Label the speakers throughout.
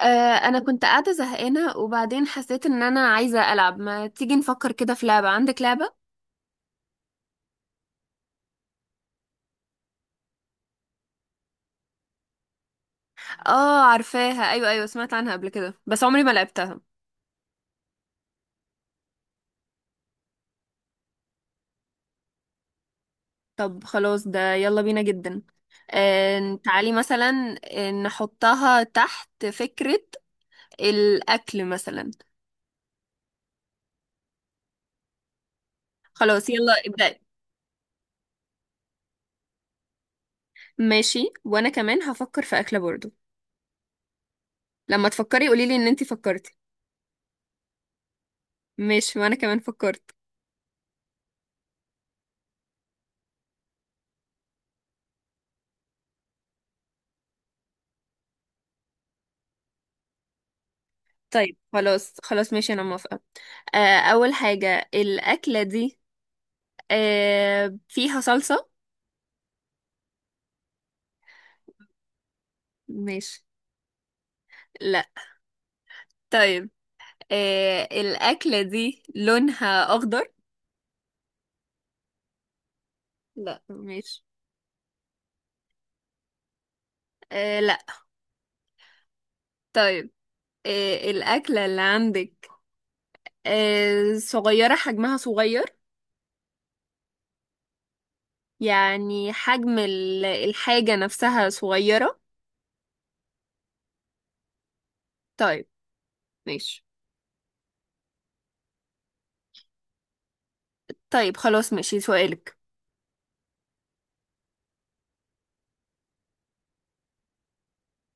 Speaker 1: آه، انا كنت قاعده زهقانه وبعدين حسيت ان انا عايزه العب، ما تيجي نفكر كده في لعبه؟ عندك لعبه؟ اه عارفاها، ايوه ايوه سمعت عنها قبل كده، بس عمري ما لعبتها. طب خلاص، ده يلا بينا جدا. تعالي مثلا نحطها تحت فكره. الاكل مثلا. خلاص يلا ابدأي. ماشي، وانا كمان هفكر في اكله برضو. لما تفكري قوليلي ان انتي فكرتي. ماشي، وانا كمان فكرت. طيب خلاص ماشي، انا موافقه. اول حاجة، الاكلة دي فيها صلصة؟ ماشي. لا؟ طيب. الاكلة دي لونها اخضر؟ لا، ماشي. لا؟ طيب. الاكلة اللي عندك صغيرة، حجمها صغير؟ يعني حجم الحاجة نفسها صغيرة. طيب، ماشي. طيب خلاص ماشي، سؤالك.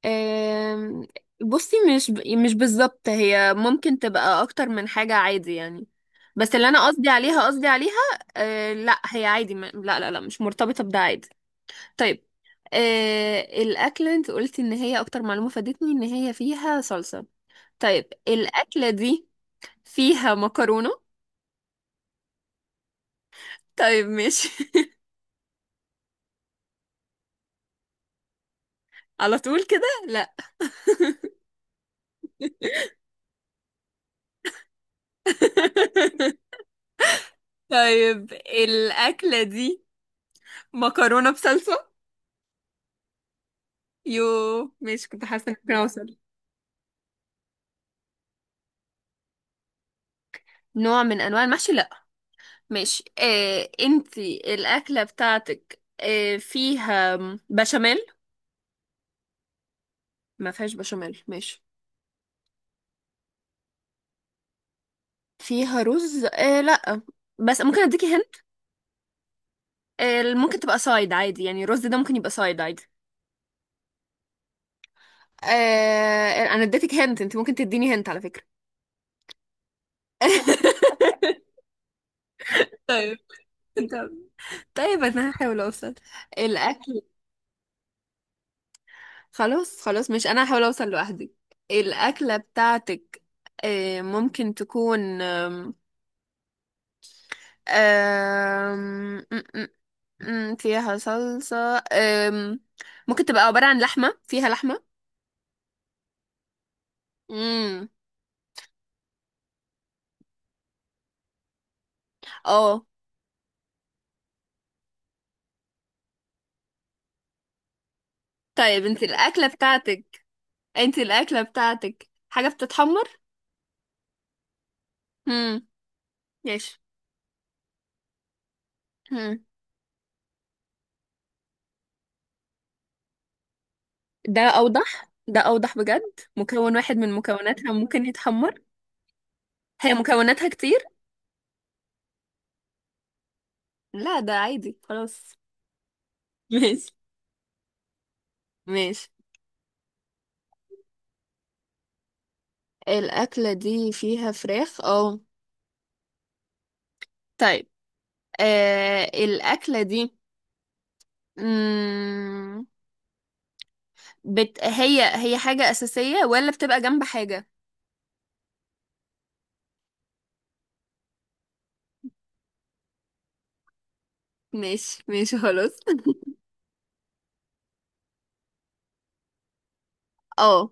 Speaker 1: آم، بصي، مش ب... يعني مش بالظبط، هي ممكن تبقى اكتر من حاجة عادي يعني، بس اللي انا قصدي عليها. قصدي عليها آه لا، هي عادي ما... لا، مش مرتبطة بده، عادي. طيب. آه، الاكل، انت قلتي ان هي اكتر معلومة فادتني ان هي فيها صلصة. طيب الاكلة دي فيها مكرونة؟ طيب، ماشي. على طول كده؟ لا. طيب الأكلة دي مكرونة بصلصة؟ يو. ماشي، كنت حاسة انك ممكن اوصل. نوع من انواع المحشي؟ لا. ماشي، إيه انتي، الاكله بتاعتك إيه، فيها بشاميل؟ ما فيهاش بشاميل، ماشي. فيها رز؟ إيه لا، بس ممكن اديكي هنت. إيه، ممكن تبقى سايد عادي يعني، الرز ده ممكن يبقى سايد عادي. إيه، انا اديتك هنت، انت ممكن تديني هنت على فكره. طيب. طب. طيب انا هحاول اوصل الاكل. خلاص خلاص، مش انا هحاول اوصل لوحدي. الاكله بتاعتك إيه، ممكن تكون أم... م- م- فيها صلصة، ممكن تبقى عبارة عن لحمة، فيها لحمة؟ امم اه. طيب، انت الأكلة بتاعتك، انت الأكلة بتاعتك حاجة بتتحمر؟ امم ماشي. مم. ده أوضح، ده أوضح بجد، مكون واحد من مكوناتها ممكن يتحمر. هي مكوناتها كتير. لا ده عادي خلاص. ماشي، ماشي. الأكلة دي فيها فراخ؟ اه. طيب. آه الأكلة دي مم... هي حاجة أساسية ولا بتبقى جنب حاجة؟ ماشي، ماشي خلاص. اه،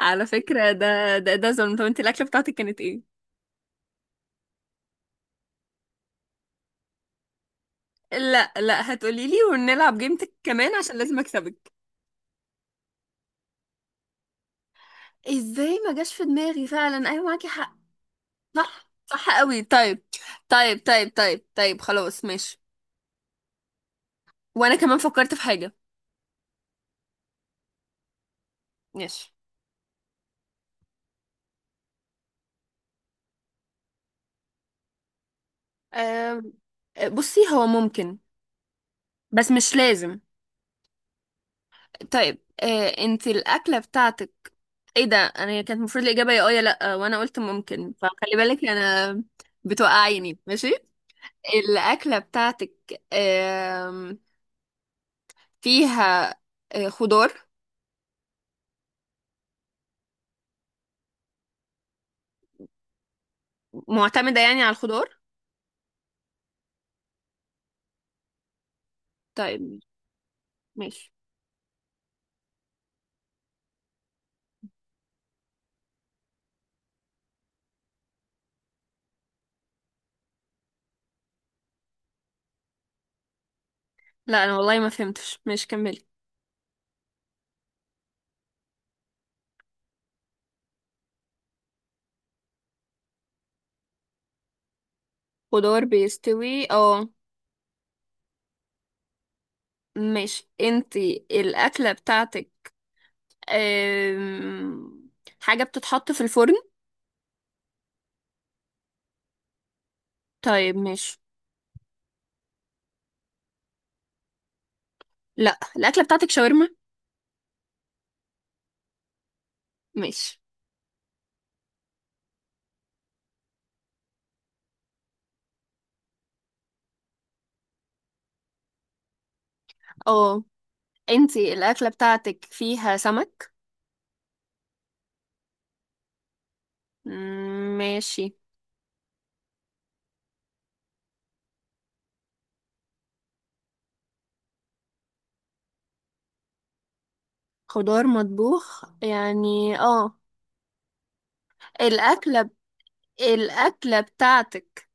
Speaker 1: على فكرة، ده ظلم. طب انت الأكلة بتاعتك كانت ايه؟ لا لا، هتقولي لي ونلعب جيمتك كمان عشان لازم أكسبك. ازاي ما جاش في دماغي فعلا؟ ايوه معاكي حق. صح صح قوي. طيب. طيب طيب طيب طيب، خلاص ماشي. وانا كمان فكرت في حاجة. ماشي. أم... بصي هو ممكن، بس مش لازم. طيب، انت الاكله بتاعتك، ايه ده؟ انا كانت المفروض الاجابه يا اه يا لا، وانا قلت ممكن، فخلي بالك انا بتوقعيني. ماشي. الاكله بتاعتك فيها خضار؟ معتمده يعني على الخضار؟ طيب، ماشي. لا انا والله ما فهمتش، ماشي كملي. خضار بيستوي؟ اه، ماشي. انت الاكله بتاعتك آم، حاجه بتتحط في الفرن؟ طيب، ماشي. لا، الاكله بتاعتك شاورما؟ ماشي. اه، انتي الأكلة بتاعتك فيها سمك؟ ماشي. خضار مطبوخ يعني؟ اه، الأكلة ب... الأكلة بتاعتك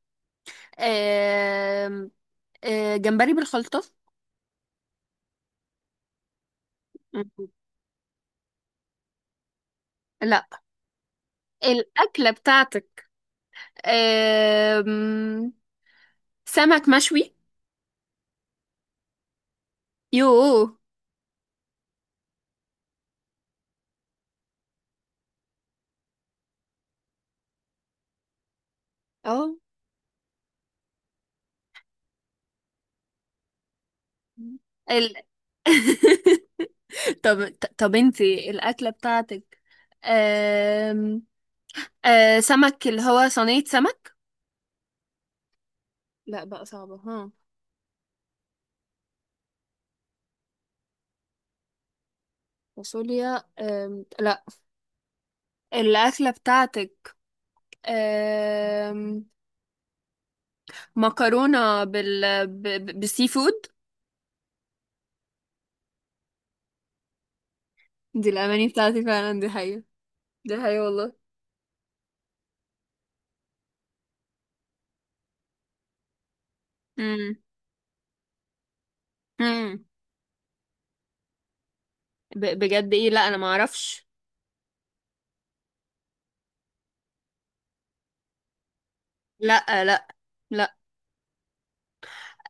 Speaker 1: آم، جمبري بالخلطة؟ مم. لا. الأكلة بتاعتك آم، سمك مشوي؟ يوه. اه ال... طب. طب انتي الأكلة بتاعتك أم... آه سمك اللي هو صينية سمك؟ لا بقى، صعبة ها. فاصوليا؟ لا. الأكلة بتاعتك آه مكرونة بالسي فود؟ دي الأماني بتاعتي فعلا، دي حقيقة، دي حقيقة والله. مم. مم. بجد ايه، لا انا ما اعرفش. لا، لا. لا.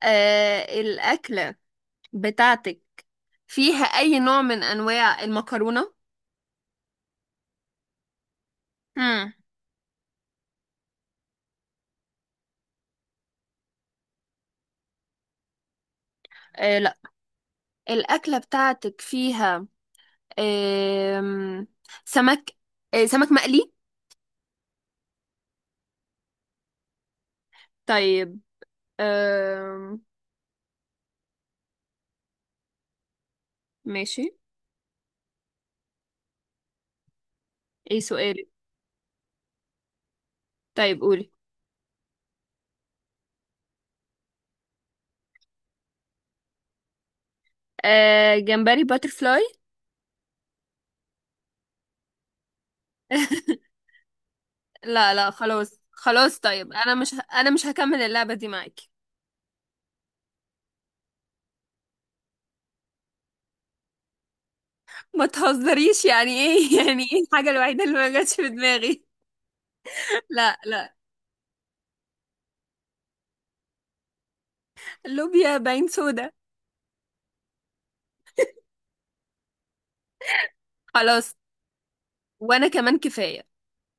Speaker 1: آه الأكلة بتاعتك فيها اي نوع من انواع المكرونة؟ مم. آه لا. الأكلة بتاعتك فيها أم... سمك، سمك مقلي؟ طيب. أم... ماشي. ايه سؤالك؟ طيب قولي. جمبري باترفلاي؟ لا لا خلاص خلاص، طيب انا مش ه... انا مش هكمل اللعبة دي معاكي. ما تهزريش، يعني ايه؟ يعني ايه الحاجة الوحيدة اللي ما جاتش في دماغي! لا لا. اللوبيا باين سودا. خلاص، وانا كمان كفاية.